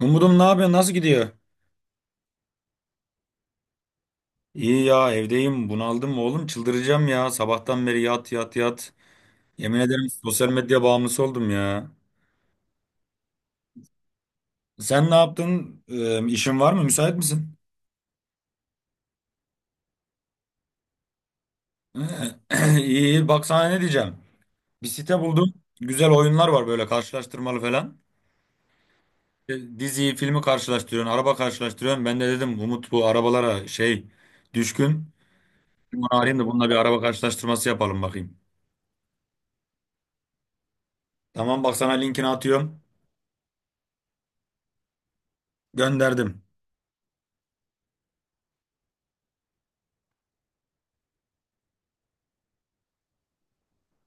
Umudum ne yapıyor? Nasıl gidiyor? İyi ya, evdeyim. Bunaldım oğlum. Çıldıracağım ya. Sabahtan beri yat yat yat. Yemin ederim sosyal medya bağımlısı oldum ya. Sen ne yaptın? İşin var mı? Müsait misin? İyi iyi. Bak sana ne diyeceğim. Bir site buldum. Güzel oyunlar var, böyle karşılaştırmalı falan. E, diziyi, filmi karşılaştırıyorsun. Araba karşılaştırıyorsun. Ben de dedim Umut bu arabalara şey düşkün. Bunu arayayım da bununla bir araba karşılaştırması yapalım bakayım. Tamam, bak sana linkini atıyorum. Gönderdim.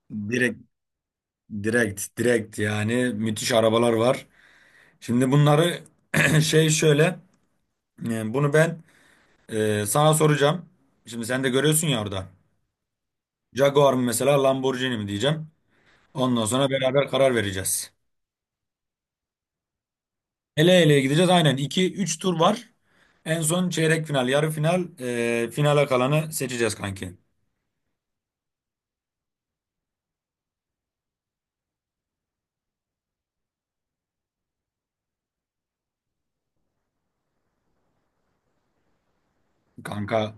Direkt direkt yani, müthiş arabalar var. Şimdi bunları şey şöyle bunu ben sana soracağım. Şimdi sen de görüyorsun ya orada. Jaguar mı mesela Lamborghini mi diyeceğim. Ondan sonra beraber karar vereceğiz. Ele eleye gideceğiz aynen, 2 üç tur var. En son çeyrek final, yarı final, finale kalanı seçeceğiz kanki. Kanka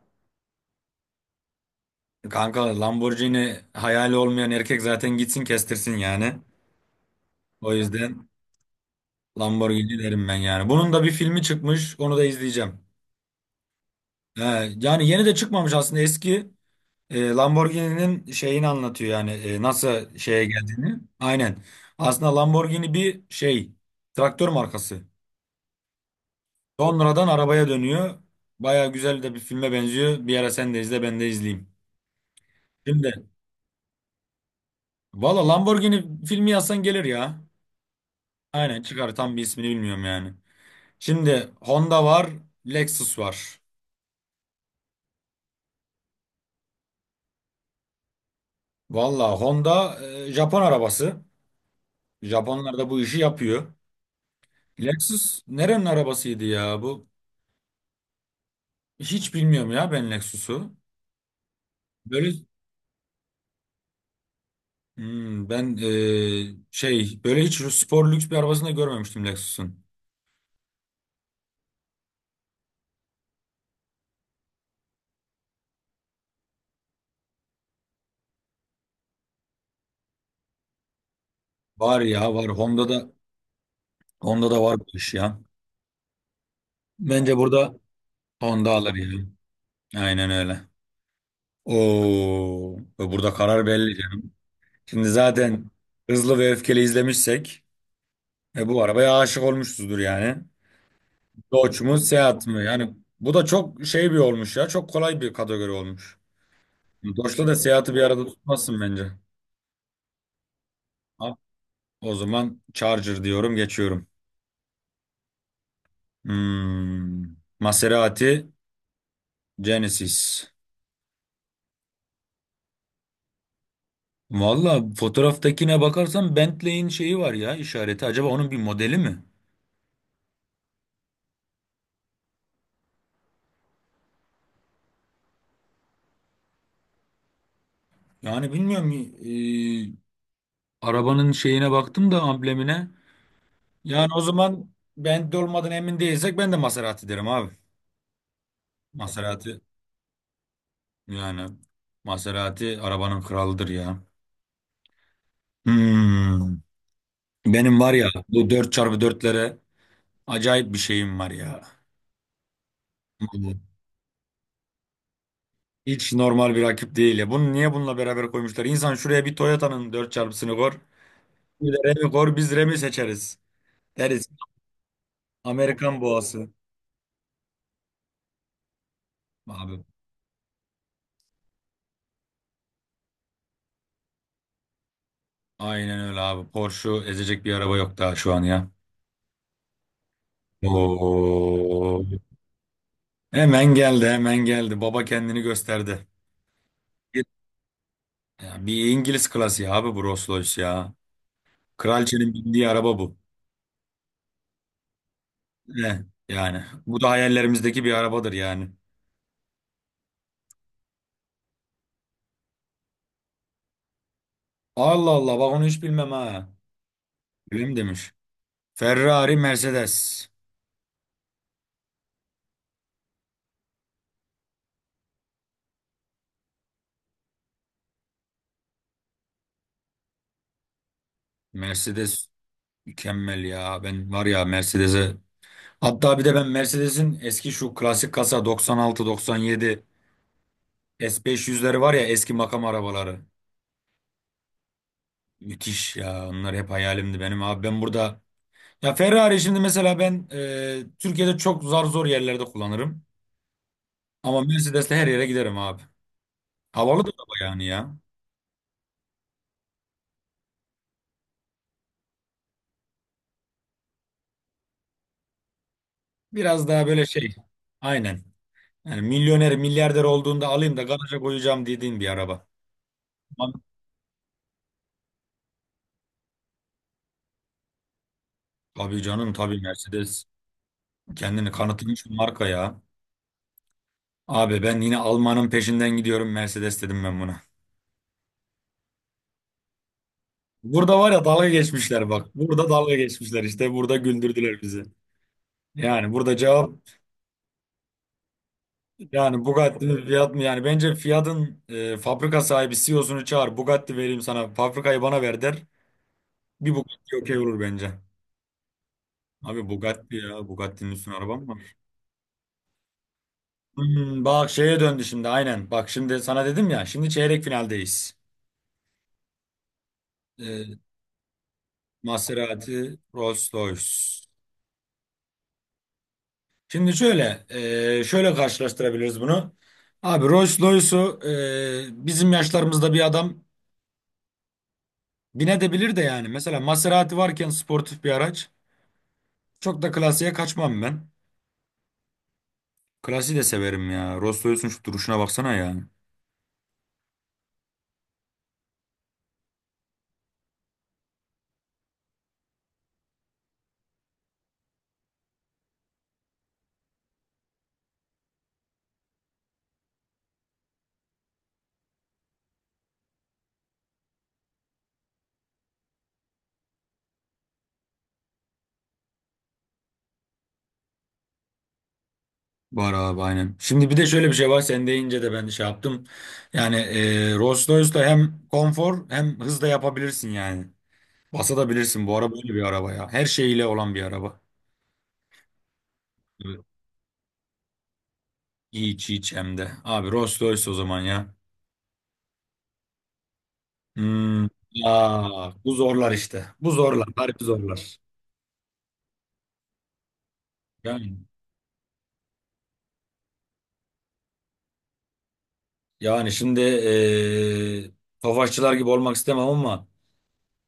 kanka Lamborghini hayali olmayan erkek zaten gitsin kestirsin yani. O yüzden Lamborghini derim ben yani. Bunun da bir filmi çıkmış. Onu da izleyeceğim. He, yani yeni de çıkmamış aslında. Eski Lamborghini'nin şeyini anlatıyor yani. Nasıl şeye geldiğini. Aynen. Aslında Lamborghini bir şey. Traktör markası. Sonradan arabaya dönüyor. Baya güzel de bir filme benziyor. Bir ara sen de izle, ben de izleyeyim. Şimdi valla Lamborghini filmi yazsan gelir ya. Aynen çıkar. Tam bir ismini bilmiyorum yani. Şimdi Honda var. Lexus var. Valla Honda Japon arabası. Japonlar da bu işi yapıyor. Lexus nerenin arabasıydı ya bu? Hiç bilmiyorum ya ben Lexus'u. Böyle, hmm, ben şey böyle hiç spor lüks bir arabasını da görmemiştim Lexus'un. Var ya, var Honda'da, var bu iş ya. Bence burada Honda alır yani. Aynen öyle. Oo, burada karar belli canım. Şimdi zaten hızlı ve öfkeli izlemişsek bu arabaya aşık olmuşuzdur yani. Doç mu Seat mı? Yani bu da çok şey bir olmuş ya. Çok kolay bir kategori olmuş. Doç'la da Seat'ı bir arada tutmazsın bence. Ha, o zaman Charger diyorum, geçiyorum. Hmm. Maserati, Genesis. Valla fotoğraftakine bakarsan Bentley'in şeyi var ya, işareti. Acaba onun bir modeli mi? Yani bilmiyorum. Arabanın şeyine baktım da, amblemine. Yani o zaman Bentley olmadan emin değilsek ben de Maserati derim abi. Maserati. Yani Maserati arabanın kralıdır ya. Hmm. Benim var ya bu dört çarpı dörtlere acayip bir şeyim var ya. Vallahi. Hiç normal bir rakip değil ya. Bunu niye bununla beraber koymuşlar? İnsan şuraya bir Toyota'nın dört xını koy. Bir de Remi koy, biz Remi seçeriz. Deriz. Amerikan boğası. Abi. Aynen öyle abi. Porsche'u ezecek bir araba yok daha şu an ya. Oo. Hemen geldi, hemen geldi. Baba kendini gösterdi. Ya bir İngiliz klasiği abi bu Rolls Royce ya. Kraliçenin bindiği araba bu. Ne? Yani bu da hayallerimizdeki bir arabadır yani. Allah Allah, bak onu hiç bilmem ha. Öyle mi demiş? Ferrari, Mercedes. Mercedes mükemmel ya. Ben var ya Mercedes'e. Hatta bir de ben Mercedes'in eski şu klasik kasa 96-97 S500'leri var ya, eski makam arabaları. Müthiş ya. Onlar hep hayalimdi benim abi. Ben burada, ya Ferrari şimdi mesela ben Türkiye'de çok zar zor yerlerde kullanırım. Ama Mercedes'le her yere giderim abi. Havalı da araba yani ya. Biraz daha böyle şey. Aynen. Yani milyoner, milyarder olduğunda alayım da garaja koyacağım dediğin bir araba. Ama tabii canım, tabii Mercedes. Kendini kanıtlamış bir marka ya. Abi ben yine Alman'ın peşinden gidiyorum, Mercedes dedim ben buna. Burada var ya dalga geçmişler bak. Burada dalga geçmişler işte. Burada güldürdüler bizi. Yani burada cevap. Yani Bugatti'nin fiyat mı? Yani bence Fiat'ın fabrika sahibi CEO'sunu çağır. Bugatti vereyim sana. Fabrikayı bana ver der. Bir Bugatti okey olur bence. Abi Bugatti ya. Bugatti'nin üstüne araba mı var? Hmm, bak şeye döndü şimdi, aynen. Bak şimdi sana dedim ya. Şimdi çeyrek finaldeyiz. E, Maserati, Rolls-Royce. Şimdi şöyle, şöyle karşılaştırabiliriz bunu. Abi Rolls-Royce'u bizim yaşlarımızda bir adam binebilir de yani. Mesela Maserati varken, sportif bir araç. Çok da klasiğe kaçmam ben. Klasiği de severim ya. Rostoy'sun şu duruşuna baksana ya. Bahar abi aynen. Şimdi bir de şöyle bir şey var. Sen deyince de ben de şey yaptım. Yani Rolls-Royce'da hem konfor hem hız da yapabilirsin yani. Basabilirsin. Bu araba böyle bir araba ya. Her şeyiyle olan bir araba. Evet. Hiç hiç hem de. Abi Rolls-Royce o zaman ya. Hmm. Ya bu zorlar işte. Bu zorlar. Harbi zorlar. Yani, yani şimdi Tofaşçılar gibi olmak istemem ama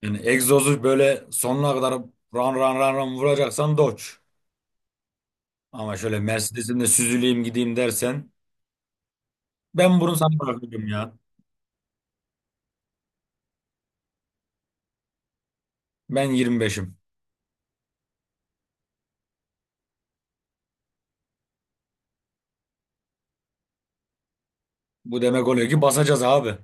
yani egzozu böyle sonuna kadar ran ran ran ran vuracaksan Dodge. Ama şöyle Mercedes'imle süzüleyim gideyim dersen ben bunu sana bırakıyorum ya. Ben 25'im. Bu demek oluyor ki basacağız abi.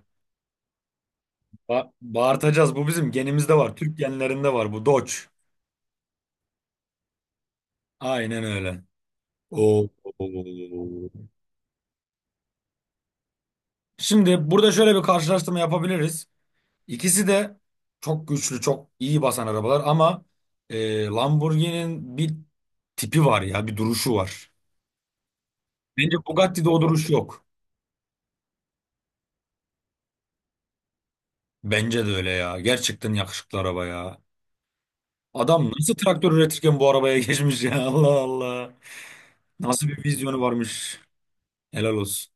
Ba bağırtacağız. Bu bizim genimizde var. Türk genlerinde var bu Dodge. Aynen öyle. Oo. Şimdi burada şöyle bir karşılaştırma yapabiliriz. İkisi de çok güçlü, çok iyi basan arabalar ama Lamborghini'nin bir tipi var ya, bir duruşu var. Bence Bugatti'de o duruş yok. Bence de öyle ya. Gerçekten yakışıklı araba ya. Adam nasıl traktör üretirken bu arabaya geçmiş ya. Allah Allah. Nasıl bir vizyonu varmış. Helal olsun.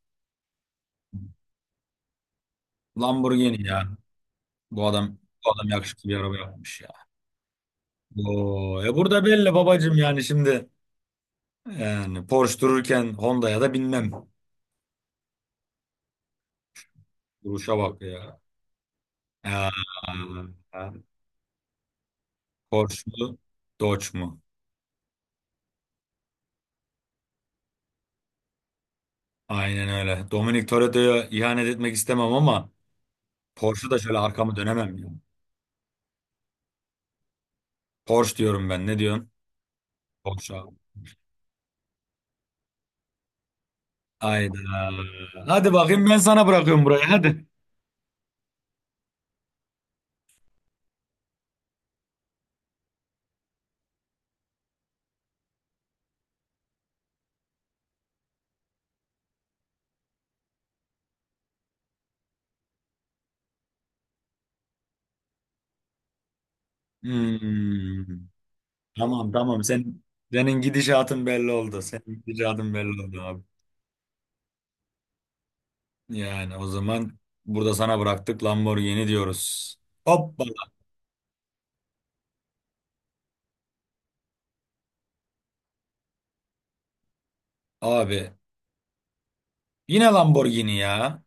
Lamborghini ya. Bu adam bu adam yakışıklı bir araba yapmış ya. Oo, burada belli babacım yani şimdi. Yani Porsche dururken Honda'ya da binmem. Duruşa bak ya. Ya, Porsche mu? Dodge mu? Aynen öyle. Dominic Toretto'ya ihanet etmek istemem ama Porsche da şöyle arkamı dönemem ya. Porsche diyorum ben. Ne diyorsun? Porsche, abi. Hayda. Hadi bakayım, ben sana bırakıyorum burayı. Hadi. Hmm. Tamam, tamam. Senin gidişatın belli oldu. Senin gidişatın belli oldu abi. Yani o zaman burada sana bıraktık, Lamborghini diyoruz. Hoppala. Abi yine Lamborghini ya.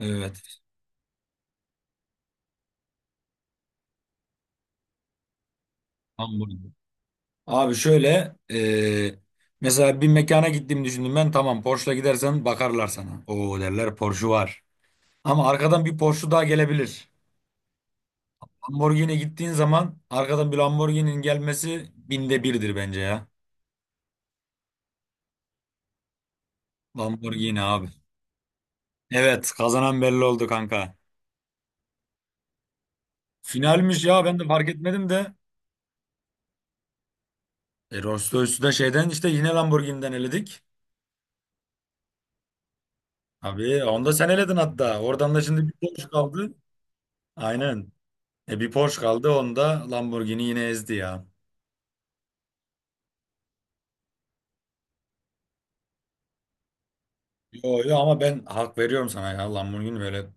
Evet. Lamborghini. Abi şöyle mesela bir mekana gittiğimi düşündüm ben, tamam Porsche'la gidersen bakarlar sana. Oo derler, Porsche var. Ama arkadan bir Porsche daha gelebilir. Lamborghini gittiğin zaman arkadan bir Lamborghini'nin gelmesi 1000'de birdir bence ya. Lamborghini abi. Evet, kazanan belli oldu kanka. Finalmiş ya, ben de fark etmedim de. Rolls Royce'u da şeyden işte yine Lamborghini'den eledik. Abi onu da sen eledin hatta. Oradan da şimdi bir Porsche kaldı. Aynen. Bir Porsche kaldı, onda Lamborghini yine ezdi ya. Yo yo, ama ben hak veriyorum sana ya. Lamborghini böyle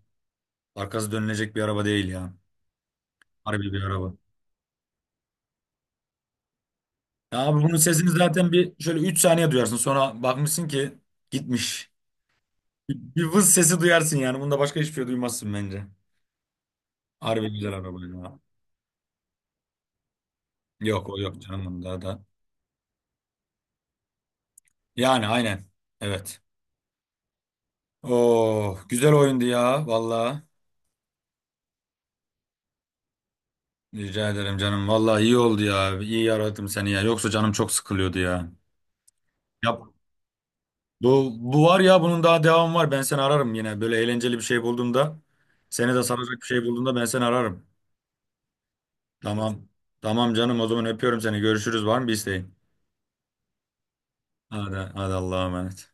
arkası dönülecek bir araba değil ya. Harbi bir araba. Ya abi bunun sesini zaten bir şöyle 3 saniye duyarsın. Sonra bakmışsın ki gitmiş. Bir vız sesi duyarsın yani. Bunda başka hiçbir şey duymazsın bence. Harbi güzel araba ya. Yok, o yok canım bunda da. Yani aynen. Evet. Oo, güzel oyundu ya valla. Rica ederim canım. Valla iyi oldu ya. İyi aradım seni ya. Yoksa canım çok sıkılıyordu ya. Yap. Bu var ya bunun daha devamı var. Ben seni ararım yine. Böyle eğlenceli bir şey bulduğumda. Seni de saracak bir şey bulduğumda ben seni ararım. Tamam. Tamam canım, o zaman öpüyorum seni. Görüşürüz, var mı bir isteğin? Hadi, hadi, Allah'a emanet.